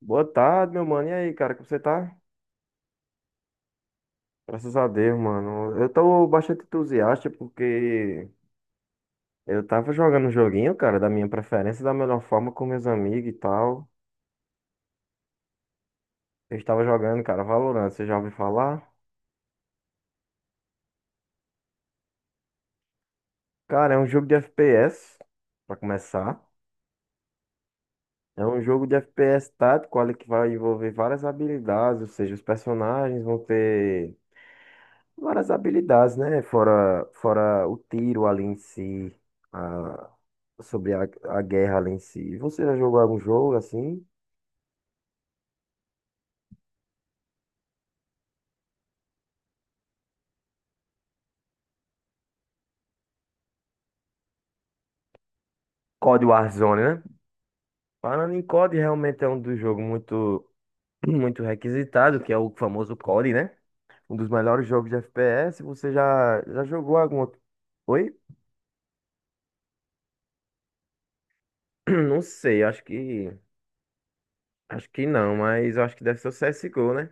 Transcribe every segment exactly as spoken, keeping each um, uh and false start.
Boa tarde, meu mano. E aí, cara, como você tá? Graças a Deus, mano. Eu tô bastante entusiasta porque eu tava jogando um joguinho, cara, da minha preferência, da melhor forma com meus amigos e tal. Eu estava jogando, cara, Valorant, você já ouviu falar? Cara, é um jogo de F P S, pra começar. É um jogo de F P S tático, olha, que vai envolver várias habilidades, ou seja, os personagens vão ter várias habilidades, né? Fora, fora o tiro ali em si, a- sobre a, a guerra ali em si. Você já jogou algum jogo assim? cód Warzone, né? Falando em cód, realmente é um dos jogos muito, muito requisitado, que é o famoso C O D, né? Um dos melhores jogos de F P S. Você já, já jogou algum outro? Oi? Não sei, acho que. Acho que não, mas eu acho que deve ser o C S. C. O. né?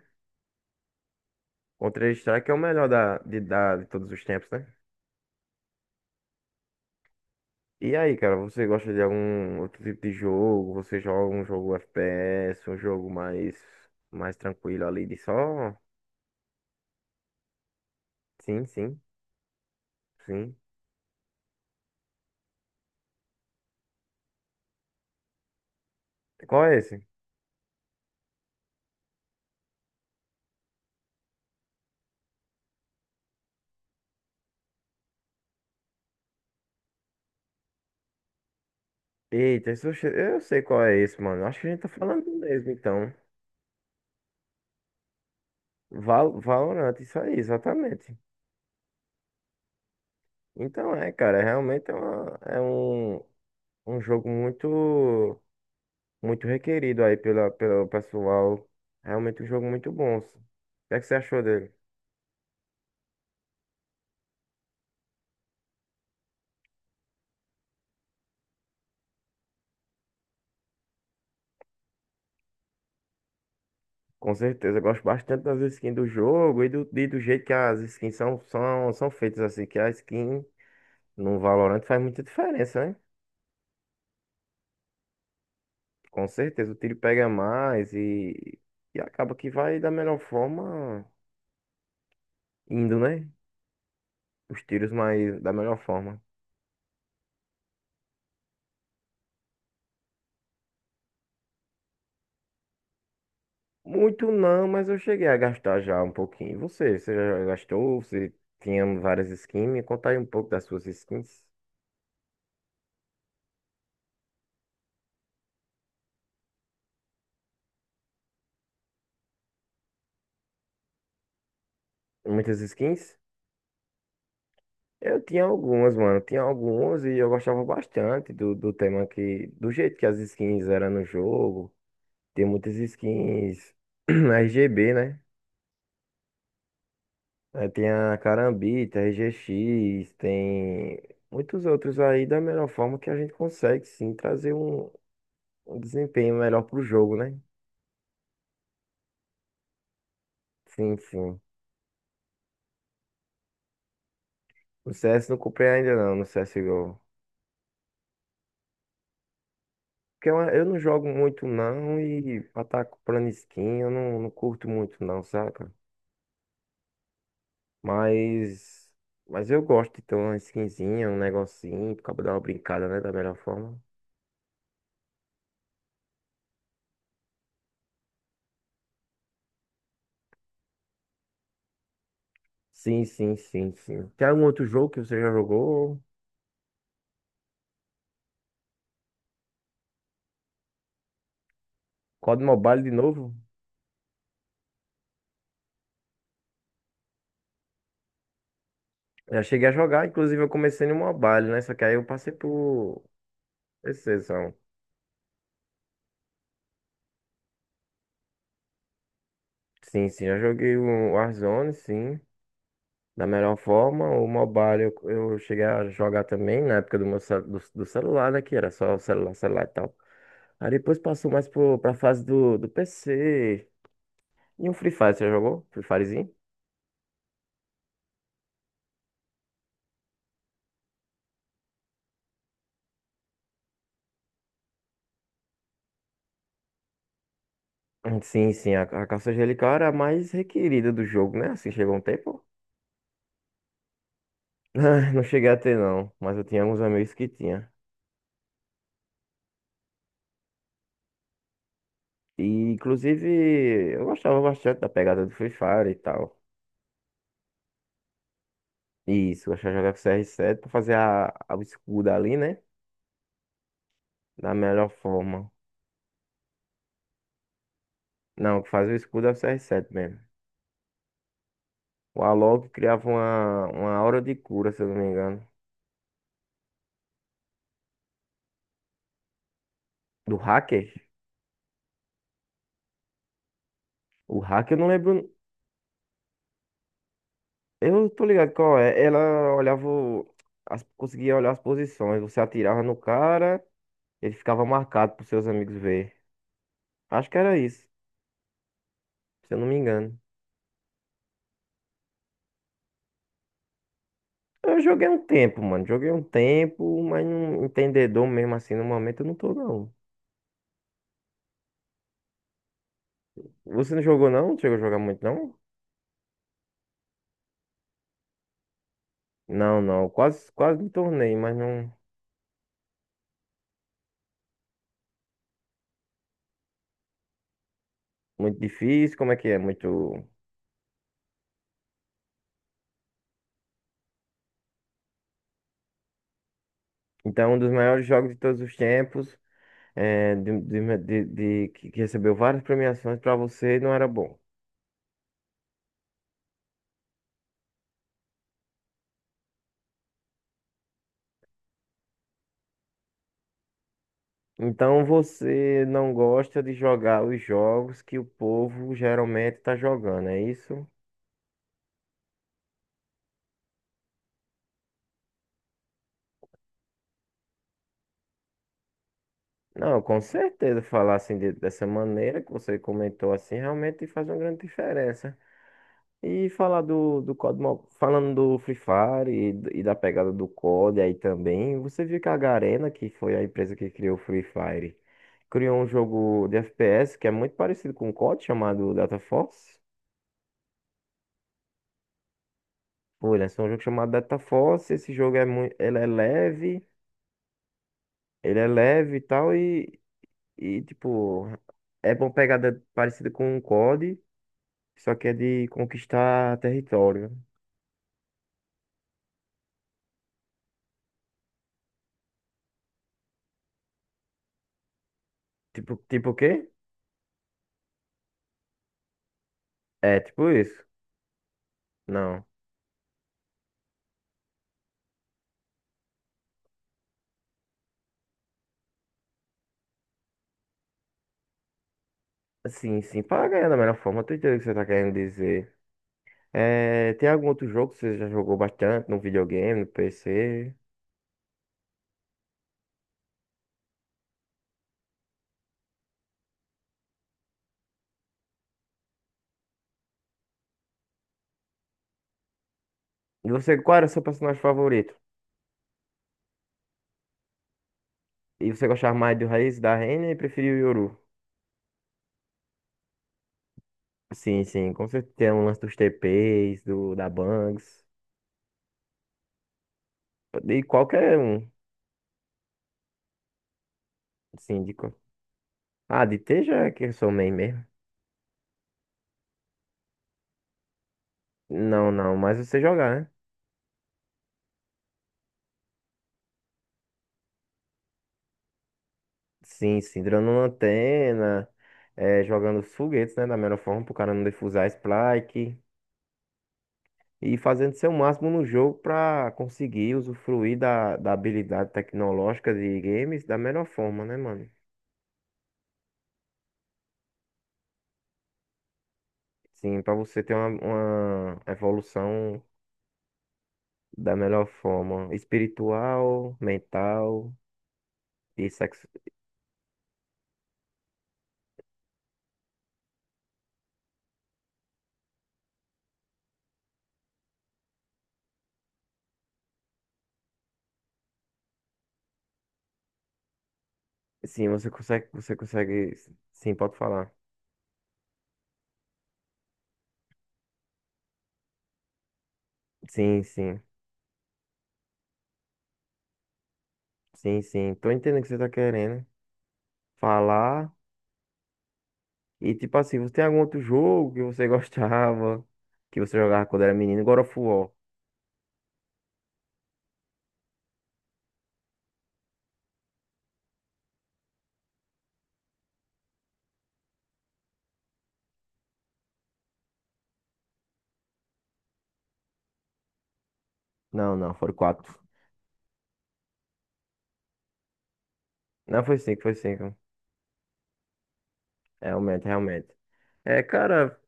O Contra-Strike é o melhor da, de, da, de todos os tempos, né? E aí, cara, você gosta de algum outro tipo de jogo? Você joga um jogo F P S, um jogo mais, mais tranquilo ali de só? Sim, sim, sim. Qual é esse? Eita, esse eu che- eu sei qual é esse, mano. Acho que a gente tá falando do mesmo, então. Val Valorant, isso aí, exatamente. Então é, cara, é realmente é, uma- é um, um jogo muito, muito requerido aí pela, pelo pessoal. Realmente um jogo muito bom. O que é que você achou dele? Com certeza, eu gosto bastante das skins do jogo e do, e do jeito que as skins são, são, são feitas, assim, que a skin no Valorant faz muita diferença, né? Com certeza, o tiro pega mais e, e acaba que vai da melhor forma indo, né? Os tiros mais da melhor forma. Muito não, mas eu cheguei a gastar já um pouquinho. E Você, você já gastou? Você tinha várias skins? Me conta aí um pouco das suas skins. Muitas skins? Eu tinha algumas, mano. Tinha algumas e eu gostava bastante do, do tema que. Do jeito que as skins eram no jogo. tem muitas skins R G B, né? Aí tem a Carambita, R G X, tem muitos outros aí da melhor forma que a gente consegue sim trazer um, um desempenho melhor pro jogo, né? Sim, sim. No C S não comprei ainda não, no C S go. Porque eu, eu não jogo muito não e pra estar tá comprando skin eu não, não curto muito não, saca? Mas, mas eu gosto de ter uma skinzinha, um negocinho, pra dar uma brincada, né? Da melhor forma. Sim, sim, sim, sim. Tem algum outro jogo que você já jogou? cód Mobile de novo? Já cheguei a jogar, inclusive eu comecei no Mobile, né? Só que aí eu passei por exceção. Sim, sim, já joguei o Warzone, sim. Da melhor forma, o Mobile eu, eu cheguei a jogar também na época do meu cel- do, do celular, né? Que era só celular, celular e tal. Aí depois passou mais pro, pra fase do, do P C. E um Free Fire, você já jogou? Free Firezinho? Sim, sim, a, a caça angelical era a mais requerida do jogo, né? Assim, chegou um tempo. Não cheguei a ter, não, mas eu tinha alguns amigos que tinha. E, inclusive, eu gostava bastante da pegada do Free Fire e tal. Isso, eu gostava de jogar com C R sete pra fazer a, a- o escudo ali, né? Da melhor forma. Não, o que fazia o escudo é o C R sete mesmo. O Alok criava uma, uma aura de cura, se eu não me engano. Do hacker? O hacker eu não lembro. Eu não tô ligado qual é. Ela olhava, o- as, conseguia olhar as posições. Você atirava no cara, ele ficava marcado pros seus amigos ver. Acho que era isso, se eu não me engano. Eu joguei um tempo, mano. Joguei um tempo, mas não entendedor mesmo assim no momento eu não tô, não. Você não jogou, não? Não Chegou a jogar muito, não? Não, não. Quase, quase me tornei, mas não. Muito difícil, como é que é? Muito. Então, um dos maiores jogos de todos os tempos, é, de, de, de, de- que que recebeu várias premiações, pra você não era bom. Então você não gosta de jogar os jogos que o povo geralmente está jogando, é isso? Não, com certeza falar assim de- dessa maneira que você comentou assim realmente faz uma grande diferença. E falar do, do C O D, Mo- falando do Free Fire e, d- e da pegada do cód aí também, você viu que a Garena, que foi a empresa que criou o Free Fire, criou um jogo de F P S que é muito parecido com o C O D, chamado Data Force. Foi, lançou um jogo chamado Data Force, esse jogo é muito, ele é leve. Ele é leve e tal, e, e tipo, é bom pegada parecida com um C O D, só que é de conquistar território. Tipo, tipo o quê? É, tipo isso. Não. Sim, sim, para ganhar da melhor forma, eu tô entendendo o que você tá querendo dizer. É, tem algum outro jogo que você já jogou bastante no videogame, no P C? E você, qual era o seu personagem favorito? E você gostava mais do Raiz, da Renner e preferia o Yoru? Sim, sim, com certeza tem um lance dos T Ps, do, da Bangs, de qualquer um. Sim, de Ah, de ter já é que eu sou main mesmo. Não, não, mas você jogar, né? Sim, sim, durando uma antena, é, jogando os foguetes, né? Da melhor forma, pro cara não defusar a spike. E fazendo seu máximo no jogo pra conseguir usufruir da, da habilidade tecnológica de games da melhor forma, né, mano? Sim, pra você ter uma, uma evolução da melhor forma, espiritual, mental e sexo. Sim, você consegue, você consegue. Sim, pode falar. Sim, sim. Sim, sim. Tô entendendo o que você tá querendo falar. E tipo assim, você tem algum outro jogo que você gostava, que você jogava quando era menino? God of War. Não, não, foram quatro. Não, foi cinco, foi cinco. Realmente, realmente. É, cara,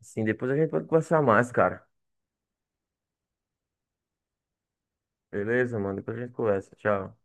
assim, depois a gente pode conversar mais, cara. Beleza, mano? Depois a gente conversa. Tchau.